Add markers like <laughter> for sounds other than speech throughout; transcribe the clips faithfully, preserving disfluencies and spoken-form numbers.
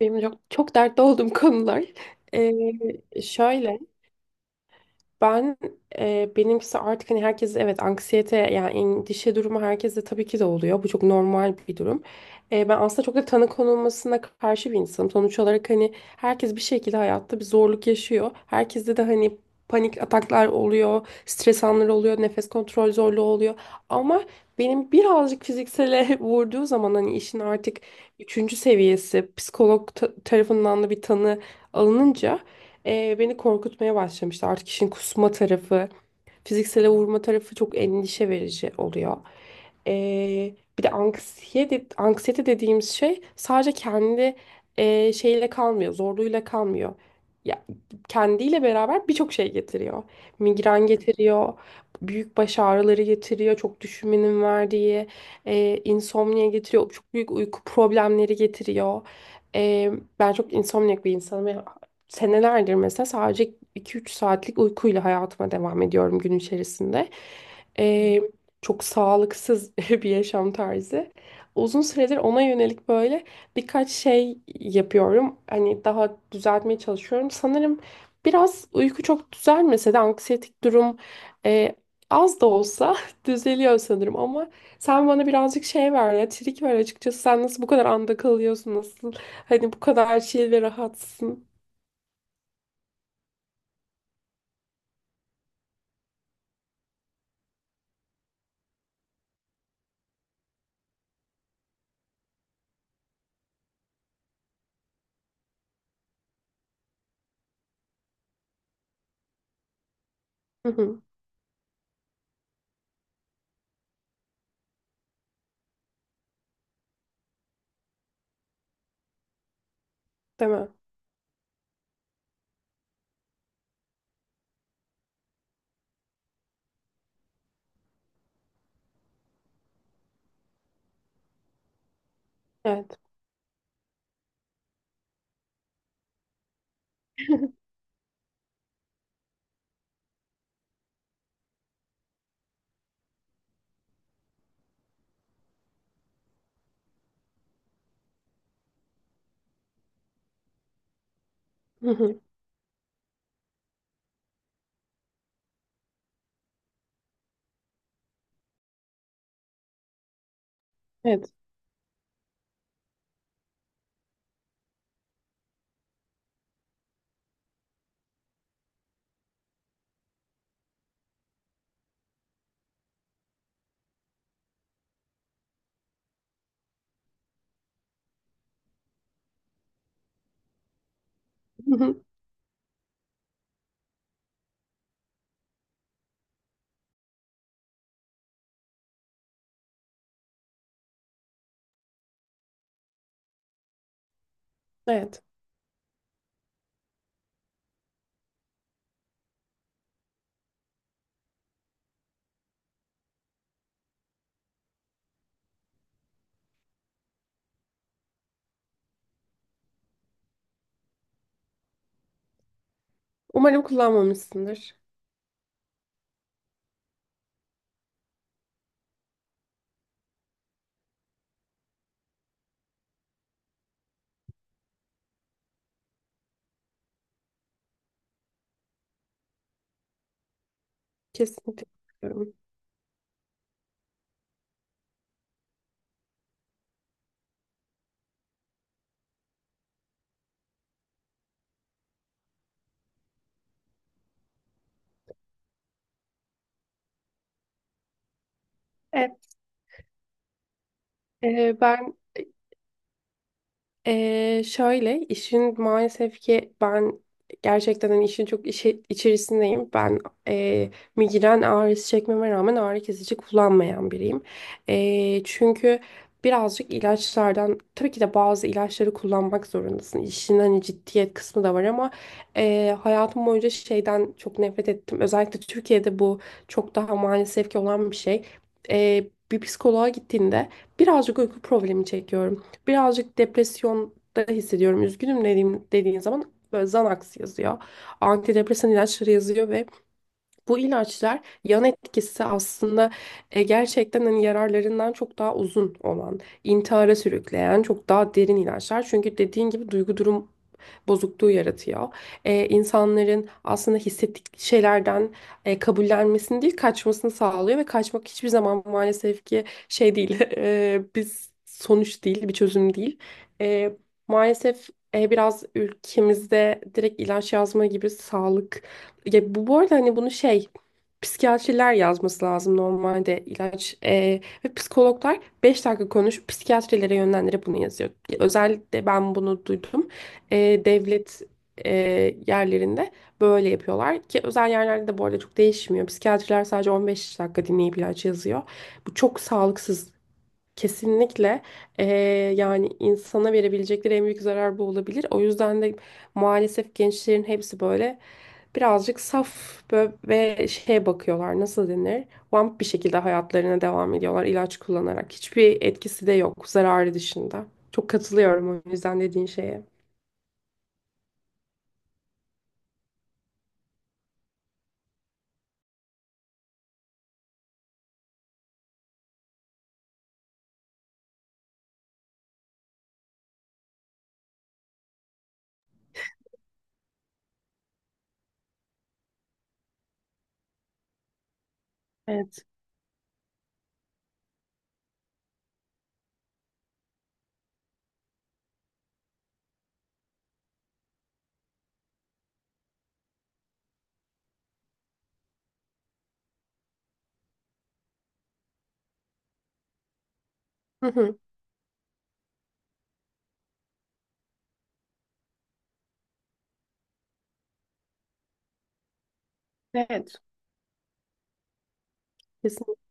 Benim çok, çok dertli olduğum <laughs> konular. Ee, şöyle, ben e, benimkisi artık hani herkes evet anksiyete yani endişe durumu herkeste tabii ki de oluyor. Bu çok normal bir durum. E, ben aslında çok da tanı konulmasına karşı bir insanım. Sonuç olarak hani herkes bir şekilde hayatta bir zorluk yaşıyor. Herkeste de hani panik ataklar oluyor, stres anları oluyor, nefes kontrol zorluğu oluyor. Ama benim birazcık fiziksele <laughs> vurduğu zaman hani işin artık üçüncü seviyesi psikolog ta- tarafından da bir tanı alınınca ee, beni korkutmaya başlamıştı. Artık işin kusma tarafı, fiziksele vurma tarafı çok endişe verici oluyor. Ee, bir de anksiyete, anksiyete dediğimiz şey sadece kendi e, şeyle kalmıyor, zorluğuyla kalmıyor. Ya, kendiyle beraber birçok şey getiriyor. Migren getiriyor, büyük baş ağrıları getiriyor, çok düşünmenin verdiği, e, insomnia getiriyor, çok büyük uyku problemleri getiriyor. Ee, Ben çok insomniak bir insanım, senelerdir mesela sadece iki üç saatlik uykuyla hayatıma devam ediyorum gün içerisinde. Ee, Çok sağlıksız <laughs> bir yaşam tarzı. Uzun süredir ona yönelik böyle birkaç şey yapıyorum. Hani daha düzeltmeye çalışıyorum. Sanırım biraz uyku çok düzelmese de anksiyetik durum e, az da olsa <laughs> düzeliyor sanırım, ama sen bana birazcık şey ver ya, trik ver açıkçası. Sen nasıl bu kadar anda kalıyorsun, nasıl hani bu kadar chill ve rahatsın? Hı hı. Değil. Evet. Hı hı. Evet. Hı hı. Evet. Umarım kullanmamışsındır. Kesinlikle katılıyorum. Evet. Ee, ben Ee, şöyle, işin maalesef ki ben gerçekten hani işin çok işi, içerisindeyim. Ben e, migren ağrısı çekmeme rağmen ağrı kesici kullanmayan biriyim. E, çünkü birazcık ilaçlardan, tabii ki de bazı ilaçları kullanmak zorundasın. İşin hani ciddiyet kısmı da var, ama e, hayatım boyunca şeyden çok nefret ettim. Özellikle Türkiye'de bu çok daha maalesef ki olan bir şey. E, Bir psikoloğa gittiğinde, birazcık uyku problemi çekiyorum, birazcık depresyonda hissediyorum, üzgünüm dediğim, dediğin zaman böyle Xanax yazıyor. Antidepresan ilaçları yazıyor, ve bu ilaçlar yan etkisi aslında e, gerçekten hani yararlarından çok daha uzun olan, intihara sürükleyen, çok daha derin ilaçlar. Çünkü dediğin gibi duygu durum bozukluğu yaratıyor. E, insanların aslında hissettikleri şeylerden e, kabullenmesini değil, kaçmasını sağlıyor, ve kaçmak hiçbir zaman maalesef ki şey değil, <laughs> e, biz sonuç değil, bir çözüm değil. E, maalesef e, biraz ülkemizde direkt ilaç yazma gibi sağlık, ya bu, bu arada hani bunu şey, psikiyatriler yazması lazım normalde ilaç, e, ve psikologlar beş dakika konuş, psikiyatrilere yönlendirip bunu yazıyor. Özellikle ben bunu duydum, e, devlet e, yerlerinde böyle yapıyorlar, ki özel yerlerde de bu arada çok değişmiyor. Psikiyatriler sadece on beş dakika dinleyip ilaç yazıyor. Bu çok sağlıksız. Kesinlikle, e, yani insana verebilecekleri en büyük zarar bu olabilir. O yüzden de maalesef gençlerin hepsi böyle birazcık saf, bö- ve şeye bakıyorlar, nasıl denir? Vamp bir şekilde hayatlarına devam ediyorlar ilaç kullanarak. Hiçbir etkisi de yok, zararı dışında. Çok katılıyorum o yüzden dediğin şeye. Evet. Hı hı. Evet. Kesinlikle.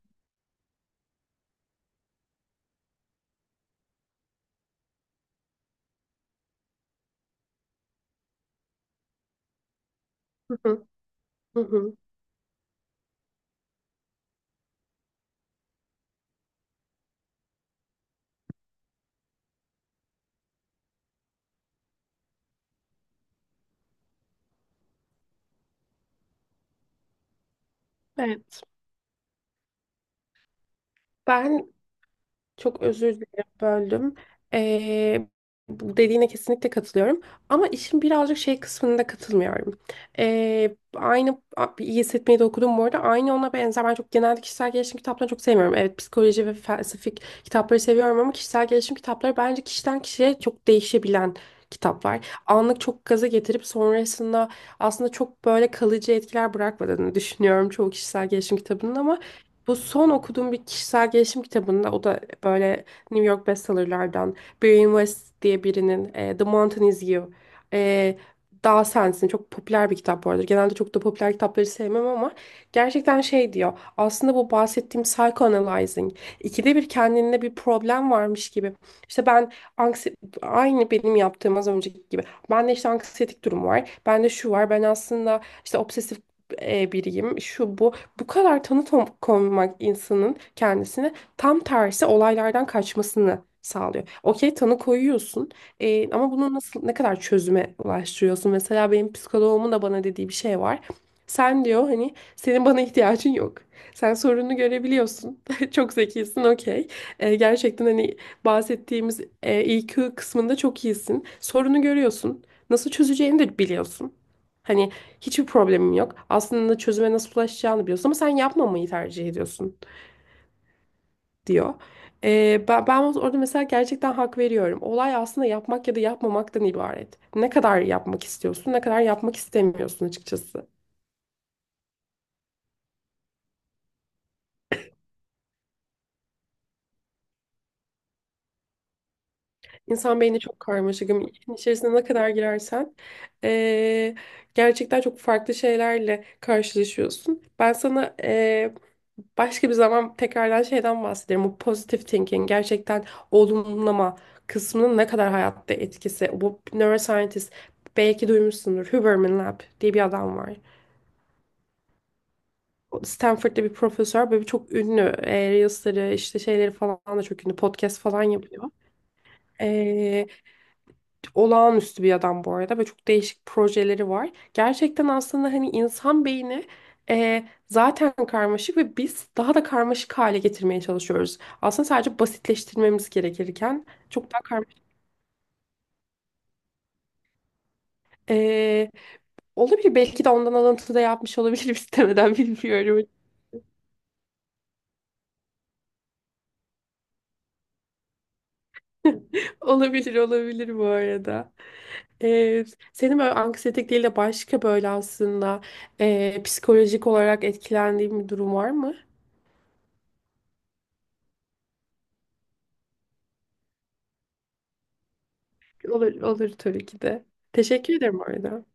Hı hı. Hı hı. Evet. Ben Çok özür dilerim, böldüm. Ee, Bu dediğine kesinlikle katılıyorum. Ama işin birazcık şey kısmında katılmıyorum. Ee, aynı a- iyi hissetmeyi de okudum bu arada. Aynı ona benzer. Ben çok genelde kişisel gelişim kitaplarını çok sevmiyorum. Evet, psikoloji ve felsefik kitapları seviyorum, ama kişisel gelişim kitapları bence kişiden kişiye çok değişebilen kitaplar. Anlık çok gaza getirip sonrasında aslında çok böyle kalıcı etkiler bırakmadığını düşünüyorum çoğu kişisel gelişim kitabının. Ama bu son okuduğum bir kişisel gelişim kitabında, o da böyle New York bestsellerlardan, Brian West diye birinin e, The Mountain Is You, e, Dağ Sensin, çok popüler bir kitap bu arada. Genelde çok da popüler kitapları sevmem, ama gerçekten şey diyor. Aslında bu bahsettiğim psychoanalyzing, İkide bir kendinde bir problem varmış gibi. İşte ben, anksi aynı benim yaptığım az önceki gibi. Bende işte anksiyetik durum var. Bende şu var. Ben aslında işte obsesif e, biriyim. Şu bu. Bu kadar tanı to- konmak insanın kendisine, tam tersi, olaylardan kaçmasını sağlıyor. Okey, tanı koyuyorsun, e, ama bunu nasıl, ne kadar çözüme ulaştırıyorsun? Mesela benim psikoloğumun da bana dediği bir şey var. Sen, diyor, hani senin bana ihtiyacın yok. Sen sorununu görebiliyorsun. <laughs> Çok zekisin, okey. E, gerçekten hani bahsettiğimiz e, I Q kısmında çok iyisin. Sorunu görüyorsun. Nasıl çözeceğini de biliyorsun. Hani, hiçbir problemim yok. Aslında çözüme nasıl ulaşacağını biliyorsun, ama sen yapmamayı tercih ediyorsun, diyor. Ee, ben, ben orada mesela gerçekten hak veriyorum. Olay aslında yapmak ya da yapmamaktan ibaret. Ne kadar yapmak istiyorsun, ne kadar yapmak istemiyorsun açıkçası. İnsan beyni çok karmaşık, ama İşin içerisine ne kadar girersen ee, gerçekten çok farklı şeylerle karşılaşıyorsun. Ben sana ee, başka bir zaman tekrardan şeyden bahsederim. Bu positive thinking, gerçekten olumlama kısmının ne kadar hayatta etkisi. Bu neuroscientist, belki duymuşsundur, Huberman Lab diye bir adam var. O Stanford'da bir profesör, böyle çok ünlü. E, Reels'leri, işte şeyleri falan da çok ünlü. Podcast falan yapıyor. Ee, Olağanüstü bir adam bu arada, ve çok değişik projeleri var. Gerçekten aslında hani insan beyni e, zaten karmaşık, ve biz daha da karmaşık hale getirmeye çalışıyoruz. Aslında sadece basitleştirmemiz gerekirken çok daha karmaşık. E, Olabilir, belki de ondan alıntı da yapmış olabilirim. <laughs> istemeden bilmiyorum. Olabilir, olabilir bu arada. E, Senin böyle anksiyetik değil de başka, böyle aslında e, psikolojik olarak etkilendiğin bir durum var mı? Olur, olur, tabii ki de. Teşekkür ederim orada.